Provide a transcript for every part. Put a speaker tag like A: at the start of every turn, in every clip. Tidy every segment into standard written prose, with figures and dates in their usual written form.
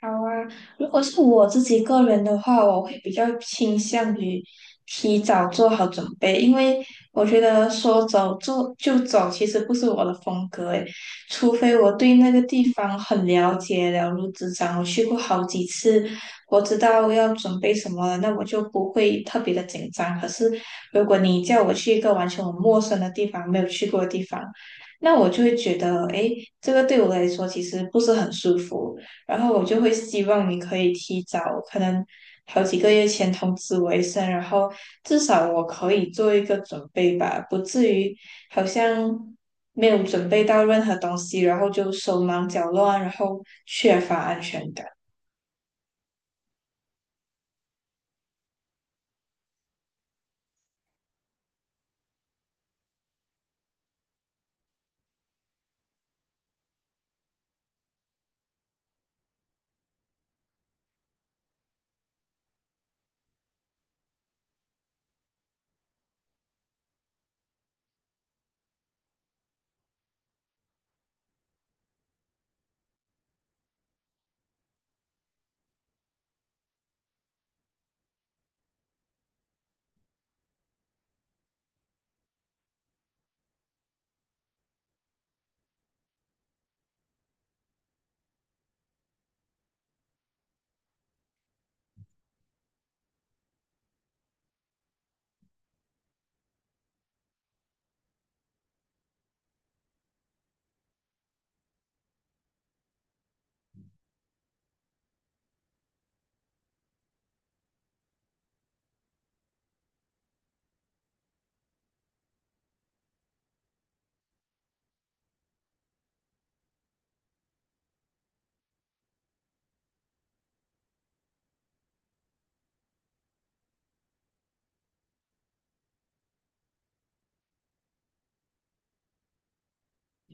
A: 好啊，如果是我自己个人的话，我会比较倾向于提早做好准备，因为我觉得说走就走其实不是我的风格诶，除非我对那个地方很了解，了如指掌，我去过好几次，我知道要准备什么了，那我就不会特别的紧张。可是如果你叫我去一个完全我陌生的地方，没有去过的地方，那我就会觉得，诶，这个对我来说其实不是很舒服。然后我就会希望你可以提早，可能好几个月前通知我一声，然后至少我可以做一个准备吧，不至于好像没有准备到任何东西，然后就手忙脚乱，然后缺乏安全感。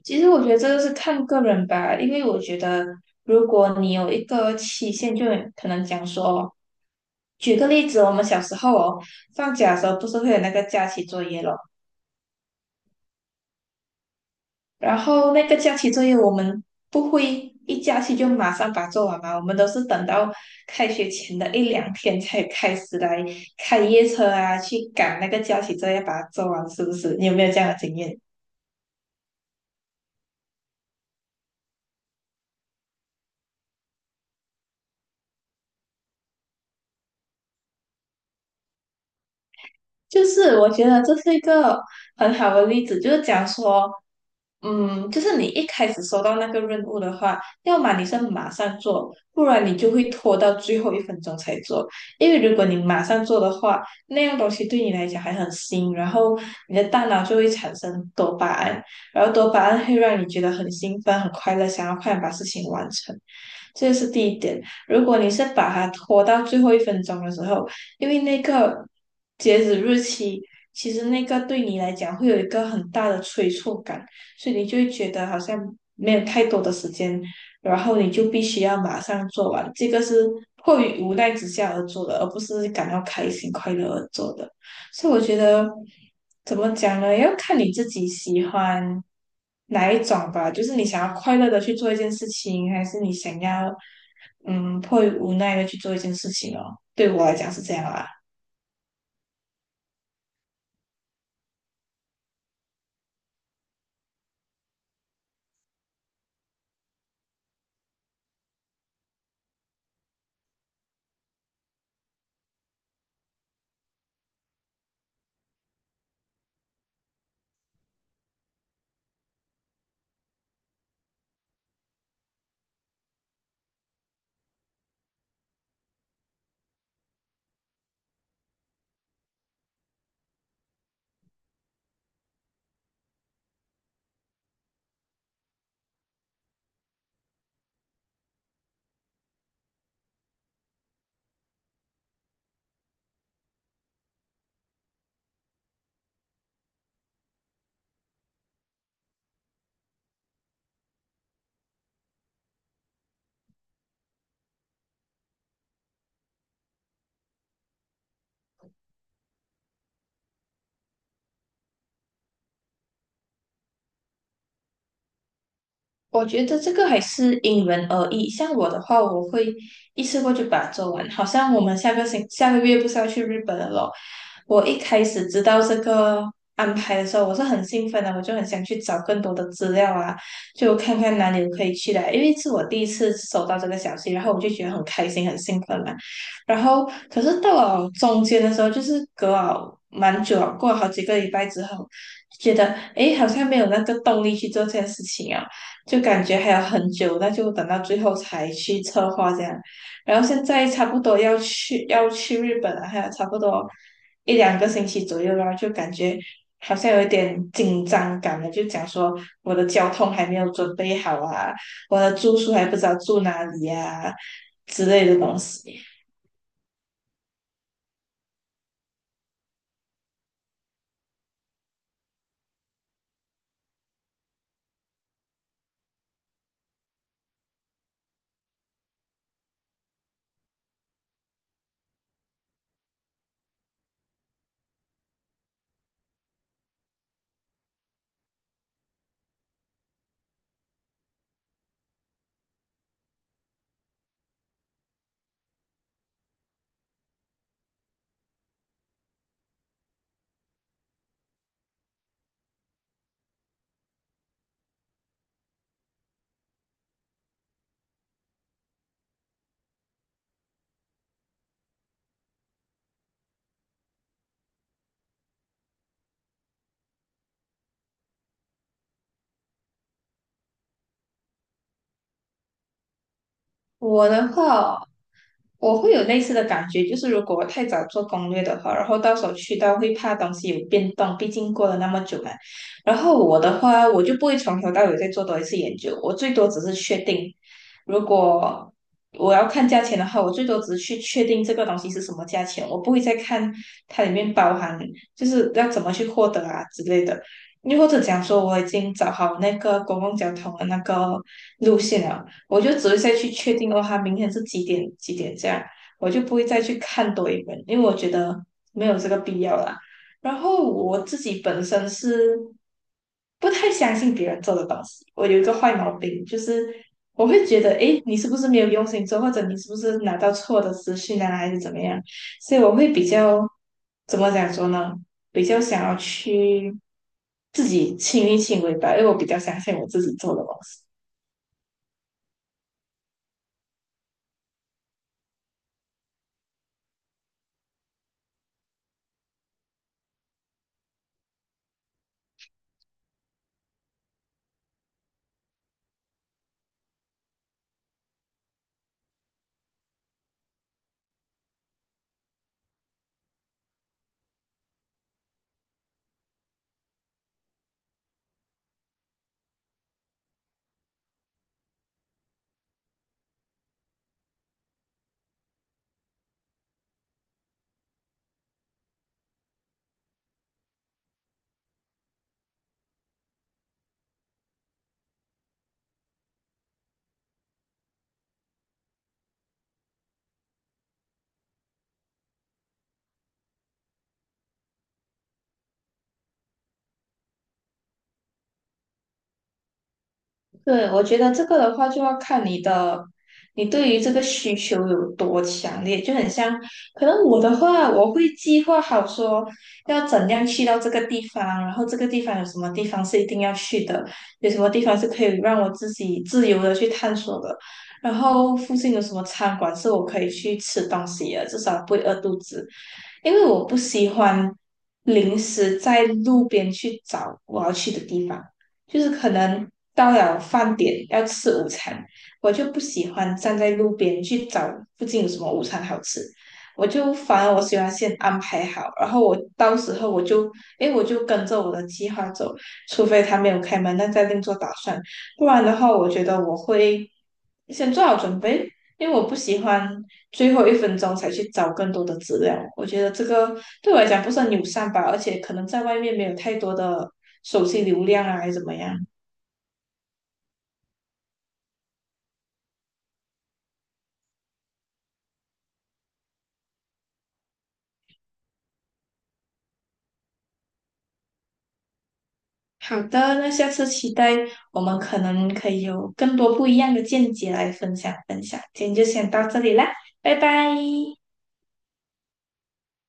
A: 其实我觉得这个是看个人吧，因为我觉得如果你有一个期限，就可能讲说，举个例子，我们小时候哦，放假的时候不是会有那个假期作业咯。然后那个假期作业我们不会一假期就马上把它做完嘛，我们都是等到开学前的1、2天才开始来开夜车啊，去赶那个假期作业把它做完，是不是？你有没有这样的经验？就是我觉得这是一个很好的例子，就是讲说，嗯，就是你一开始收到那个任务的话，要么你是马上做，不然你就会拖到最后一分钟才做。因为如果你马上做的话，那样东西对你来讲还很新，然后你的大脑就会产生多巴胺，然后多巴胺会让你觉得很兴奋、很快乐，想要快点把事情完成。这是第一点。如果你是把它拖到最后一分钟的时候，因为那个截止日期，其实那个对你来讲会有一个很大的催促感，所以你就会觉得好像没有太多的时间，然后你就必须要马上做完。这个是迫于无奈之下而做的，而不是感到开心快乐而做的。所以我觉得怎么讲呢？要看你自己喜欢哪一种吧，就是你想要快乐的去做一件事情，还是你想要迫于无奈的去做一件事情哦。对我来讲是这样啊。我觉得这个还是因人而异。像我的话，我会一次过就把它做完。好像我们下个月不是要去日本了咯？我一开始知道这个安排的时候，我是很兴奋的，我就很想去找更多的资料啊，就看看哪里可以去的。因为是我第一次收到这个消息，然后我就觉得很开心、很兴奋嘛。然后，可是到了中间的时候，就是隔了蛮久了，过了好几个礼拜之后，觉得诶，好像没有那个动力去做这件事情啊。就感觉还有很久，那就等到最后才去策划这样。然后现在差不多要去日本了，还有差不多一两个星期左右啦，就感觉好像有一点紧张感了，就讲说我的交通还没有准备好啊，我的住宿还不知道住哪里呀之类的东西。我的话哦我会有类似的感觉，就是如果我太早做攻略的话，然后到时候去到会怕东西有变动，毕竟过了那么久嘛。然后我的话，我就不会从头到尾再做多一次研究，我最多只是确定，如果我要看价钱的话，我最多只是去确定这个东西是什么价钱，我不会再看它里面包含就是要怎么去获得啊之类的。又或者讲说，我已经找好那个公共交通的那个路线了。我就只会再去确定哦，他明天是几点几点这样，我就不会再去看多一本，因为我觉得没有这个必要啦。然后我自己本身是不太相信别人做的东西，我有一个坏毛病，就是我会觉得，诶，你是不是没有用心做，或者你是不是拿到错的资讯啊，还是怎么样？所以我会比较怎么讲说呢？比较想要去自己亲力亲为吧，因为我比较相信我自己做的东西。对，我觉得这个的话就要看你的，你对于这个需求有多强烈，就很像，可能我的话，我会计划好说要怎样去到这个地方，然后这个地方有什么地方是一定要去的，有什么地方是可以让我自己自由的去探索的，然后附近有什么餐馆是我可以去吃东西的，至少不会饿肚子。因为我不喜欢临时在路边去找我要去的地方，就是可能到了饭点要吃午餐，我就不喜欢站在路边去找附近有什么午餐好吃，我就反而我喜欢先安排好，然后我到时候我就，诶，我就跟着我的计划走，除非他没有开门，那再另做打算，不然的话，我觉得我会先做好准备，因为我不喜欢最后一分钟才去找更多的资料。我觉得这个对我来讲不是很友善吧，而且可能在外面没有太多的手机流量啊，还是怎么样。好的，那下次期待我们可能可以有更多不一样的见解来分享分享。今天就先到这里啦，拜拜。